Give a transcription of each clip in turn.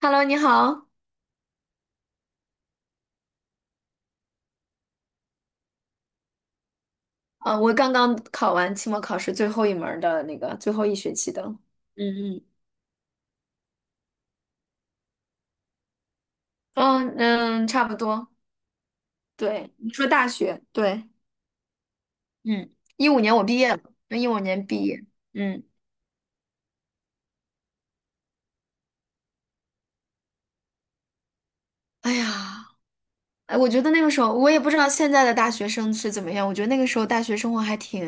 Hello，你好。啊，我刚刚考完期末考试最后一门儿的那个最后一学期的。嗯嗯嗯，嗯，差不多。对，你说大学，对，嗯嗯一五年我毕业了，一五年毕业。嗯，哎呀。哎，我觉得那个时候，我也不知道现在的大学生是怎么样。我觉得那个时候大学生活还挺，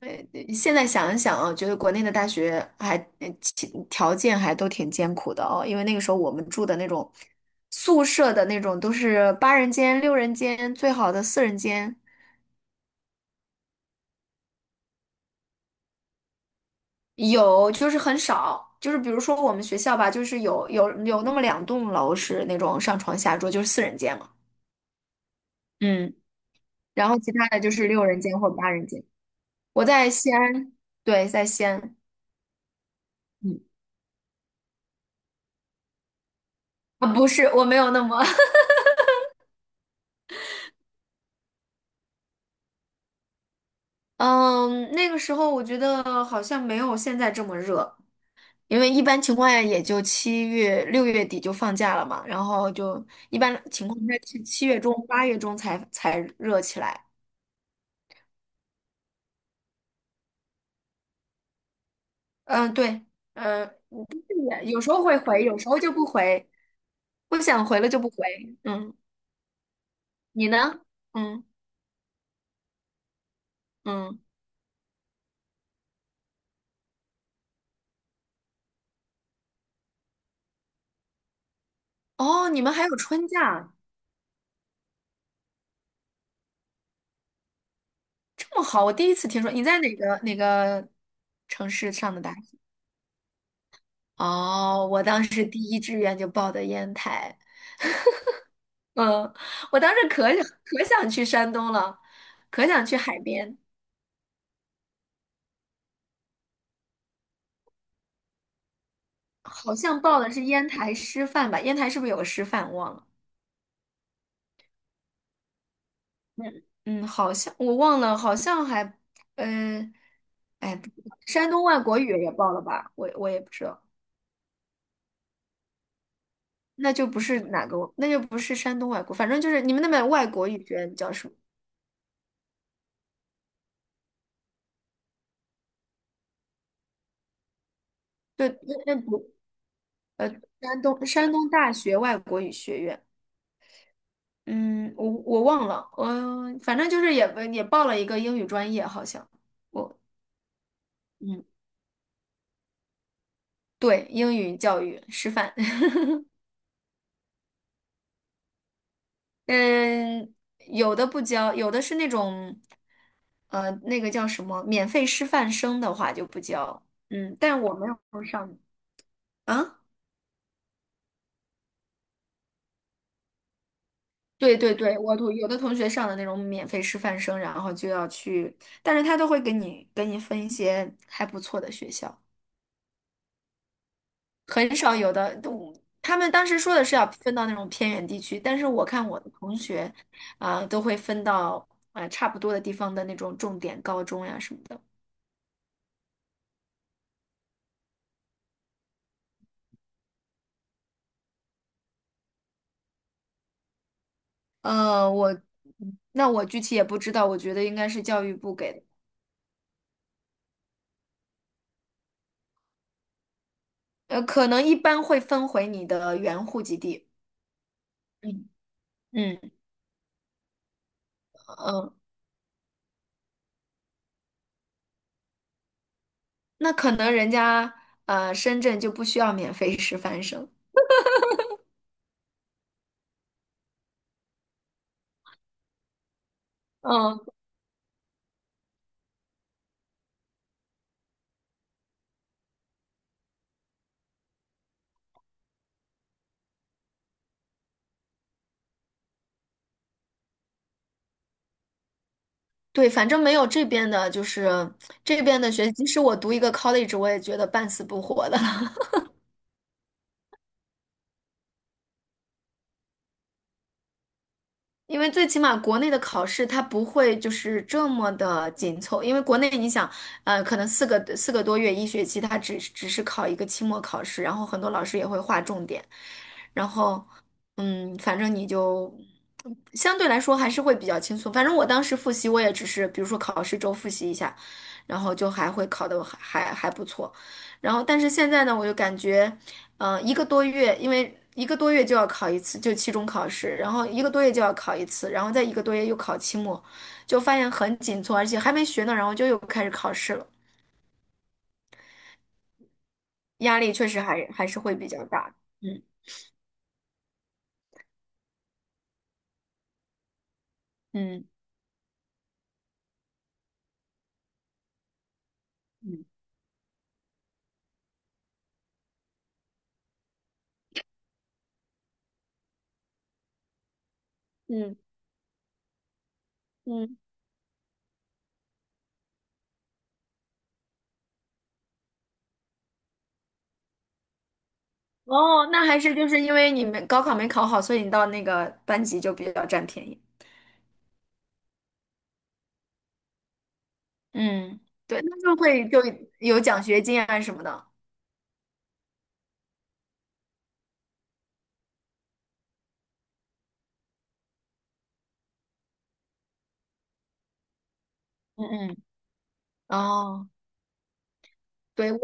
呃，现在想一想啊，觉得国内的大学还其条件还都挺艰苦的哦。因为那个时候我们住的那种宿舍的那种都是八人间、六人间，最好的四人间有，就是很少。就是比如说我们学校吧，就是有那么两栋楼是那种上床下桌，就是四人间嘛。嗯，然后其他的就是六人间或八人间。我在西安，对，在西安。嗯，啊，不是，我没有那么，嗯，那个时候我觉得好像没有现在这么热，因为一般情况下也就七月、六月底就放假了嘛，然后就一般情况下七月中、八月中才热起来。嗯，对，嗯，是有时候会回，有时候就不回，不想回了就不回。嗯，你呢？嗯嗯，哦，你们还有春假，这么好，我第一次听说。你在哪个城市上的大学？哦，我当时第一志愿就报的烟台，嗯，我当时可想可想去山东了，可想去海边，好像报的是烟台师范吧？烟台是不是有个师范？忘了，嗯嗯，好像我忘了，好像还，呃，哎，不知道山东外国语也报了吧？我也不知道，那就不是哪个，那就不是山东外国，反正就是你们那边外国语学院叫什么？对，那不山东大学外国语学院。嗯，我忘了，我反正就是也报了一个英语专业，好像我嗯，对，英语教育师范，嗯，有的不教，有的是那种那个叫什么免费师范生的话就不教，嗯，但我没有上啊，对对对，有的同学上的那种免费师范生，然后就要去，但是他都会给你分一些还不错的学校。很少有的，都他们当时说的是要分到那种偏远地区，但是我看我的同学，啊、都会分到差不多的地方的那种重点高中呀什么的。呃，我我具体也不知道，我觉得应该是教育部给的，可能一般会分回你的原户籍地。嗯嗯嗯，那可能人家深圳就不需要免费 师范生。嗯。对，反正没有这边的，就是这边的学，即使我读一个 college，我也觉得半死不活的。因为最起码国内的考试它不会就是这么的紧凑，因为国内你想，可能四个多月一学期，它只是考一个期末考试，然后很多老师也会划重点，然后，嗯，反正你就相对来说还是会比较轻松。反正我当时复习，我也只是比如说考试周复习一下，然后就还会考得还不错。然后，但是现在呢，我就感觉。一个多月，因为一个多月就要考一次，就期中考试，然后一个多月就要考一次，然后再一个多月又考期末，就发现很紧凑，而且还没学呢，然后就又开始考试了，压力确实还是会比较大。嗯嗯嗯嗯嗯，哦，那还是就是因为你们高考没考好，所以你到那个班级就比较占便宜。嗯，对，那就会就有奖学金啊什么的。嗯嗯，哦。对，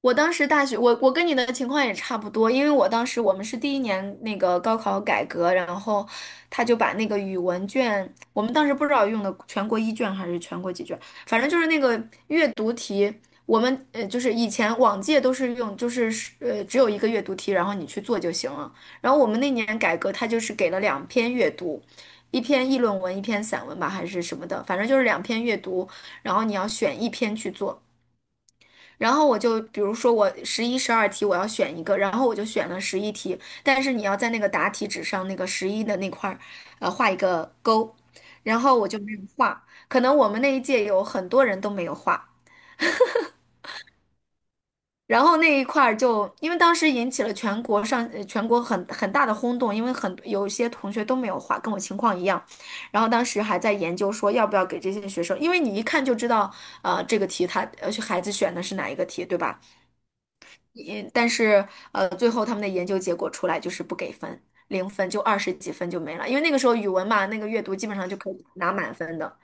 我当时大学，我跟你的情况也差不多，因为我当时我们是第一年那个高考改革，然后他就把那个语文卷，我们当时不知道用的全国一卷还是全国几卷，反正就是那个阅读题，我们就是以前往届都是用就是只有一个阅读题，然后你去做就行了，然后我们那年改革，他就是给了两篇阅读。一篇议论文，一篇散文吧，还是什么的，反正就是两篇阅读，然后你要选一篇去做。然后我就比如说我十一、十二题我要选一个，然后我就选了十一题，但是你要在那个答题纸上那个十一的那块儿，画一个勾，然后我就没有画，可能我们那一届有很多人都没有画。然后那一块儿就，因为当时引起了全国上，全国很大的轰动，因为很有一些同学都没有画，跟我情况一样。然后当时还在研究说要不要给这些学生，因为你一看就知道，这个题他孩子选的是哪一个题，对吧？也但是最后他们的研究结果出来就是不给分，零分就二十几分就没了，因为那个时候语文嘛，那个阅读基本上就可以拿满分的，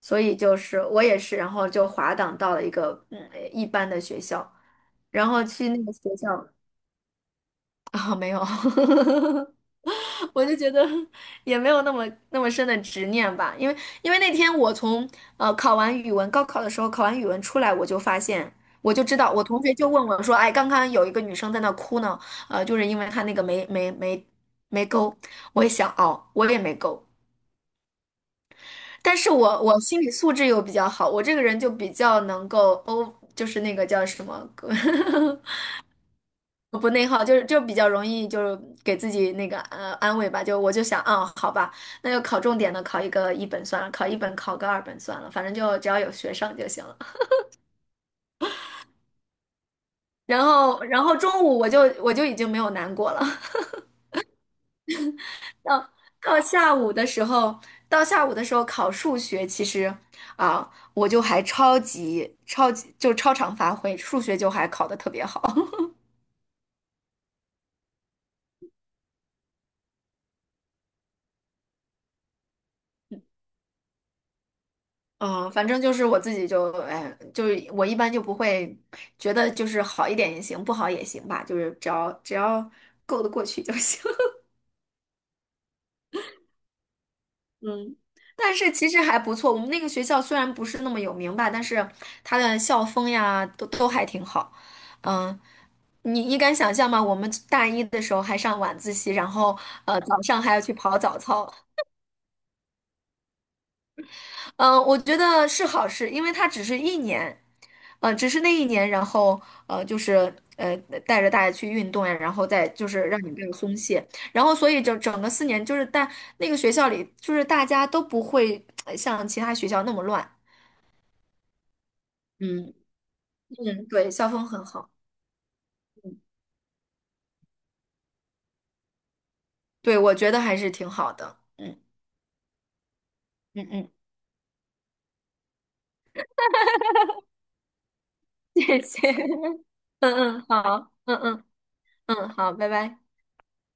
所以就是我也是，然后就滑档到了一个一般的学校，然后去那个学校。啊，没有，我就觉得也没有那么那么深的执念吧，因为那天我从考完语文，高考的时候考完语文出来，我就发现，我就知道，我同学就问我说，哎，刚刚有一个女生在那哭呢，就是因为她那个没勾，我也想哦，我也没勾，但是我心理素质又比较好，我这个人就比较能够欧，就是那个叫什么，不内耗，就是就比较容易就是给自己那个安慰吧，就我就想，啊，好吧，那就考重点的，考一个一本算了，考一本考个二本算了，反正就只要有学上就行了。然后中午我就已经没有难过了，到到下午的时候，到下午的时候考数学，其实啊，我就还超级超级就超常发挥，数学就还考得特别好。嗯，反正就是我自己就，哎，就是我一般就不会觉得就是好一点也行，不好也行吧，就是只要够得过去就行。嗯，但是其实还不错，我们那个学校虽然不是那么有名吧，但是它的校风呀都还挺好。嗯，你敢想象吗？我们大一的时候还上晚自习，然后早上还要去跑早操。嗯，我觉得是好事，因为它只是一年，嗯，只是那一年，然后就是带着大家去运动呀，然后再就是让你不要松懈，然后所以整整个四年，就是那个学校里，就是大家都不会像其他学校那么乱，嗯，嗯，对，校风很好，对，我觉得还是挺好的，嗯嗯嗯。谢谢，嗯嗯，好，嗯嗯嗯，好，拜拜。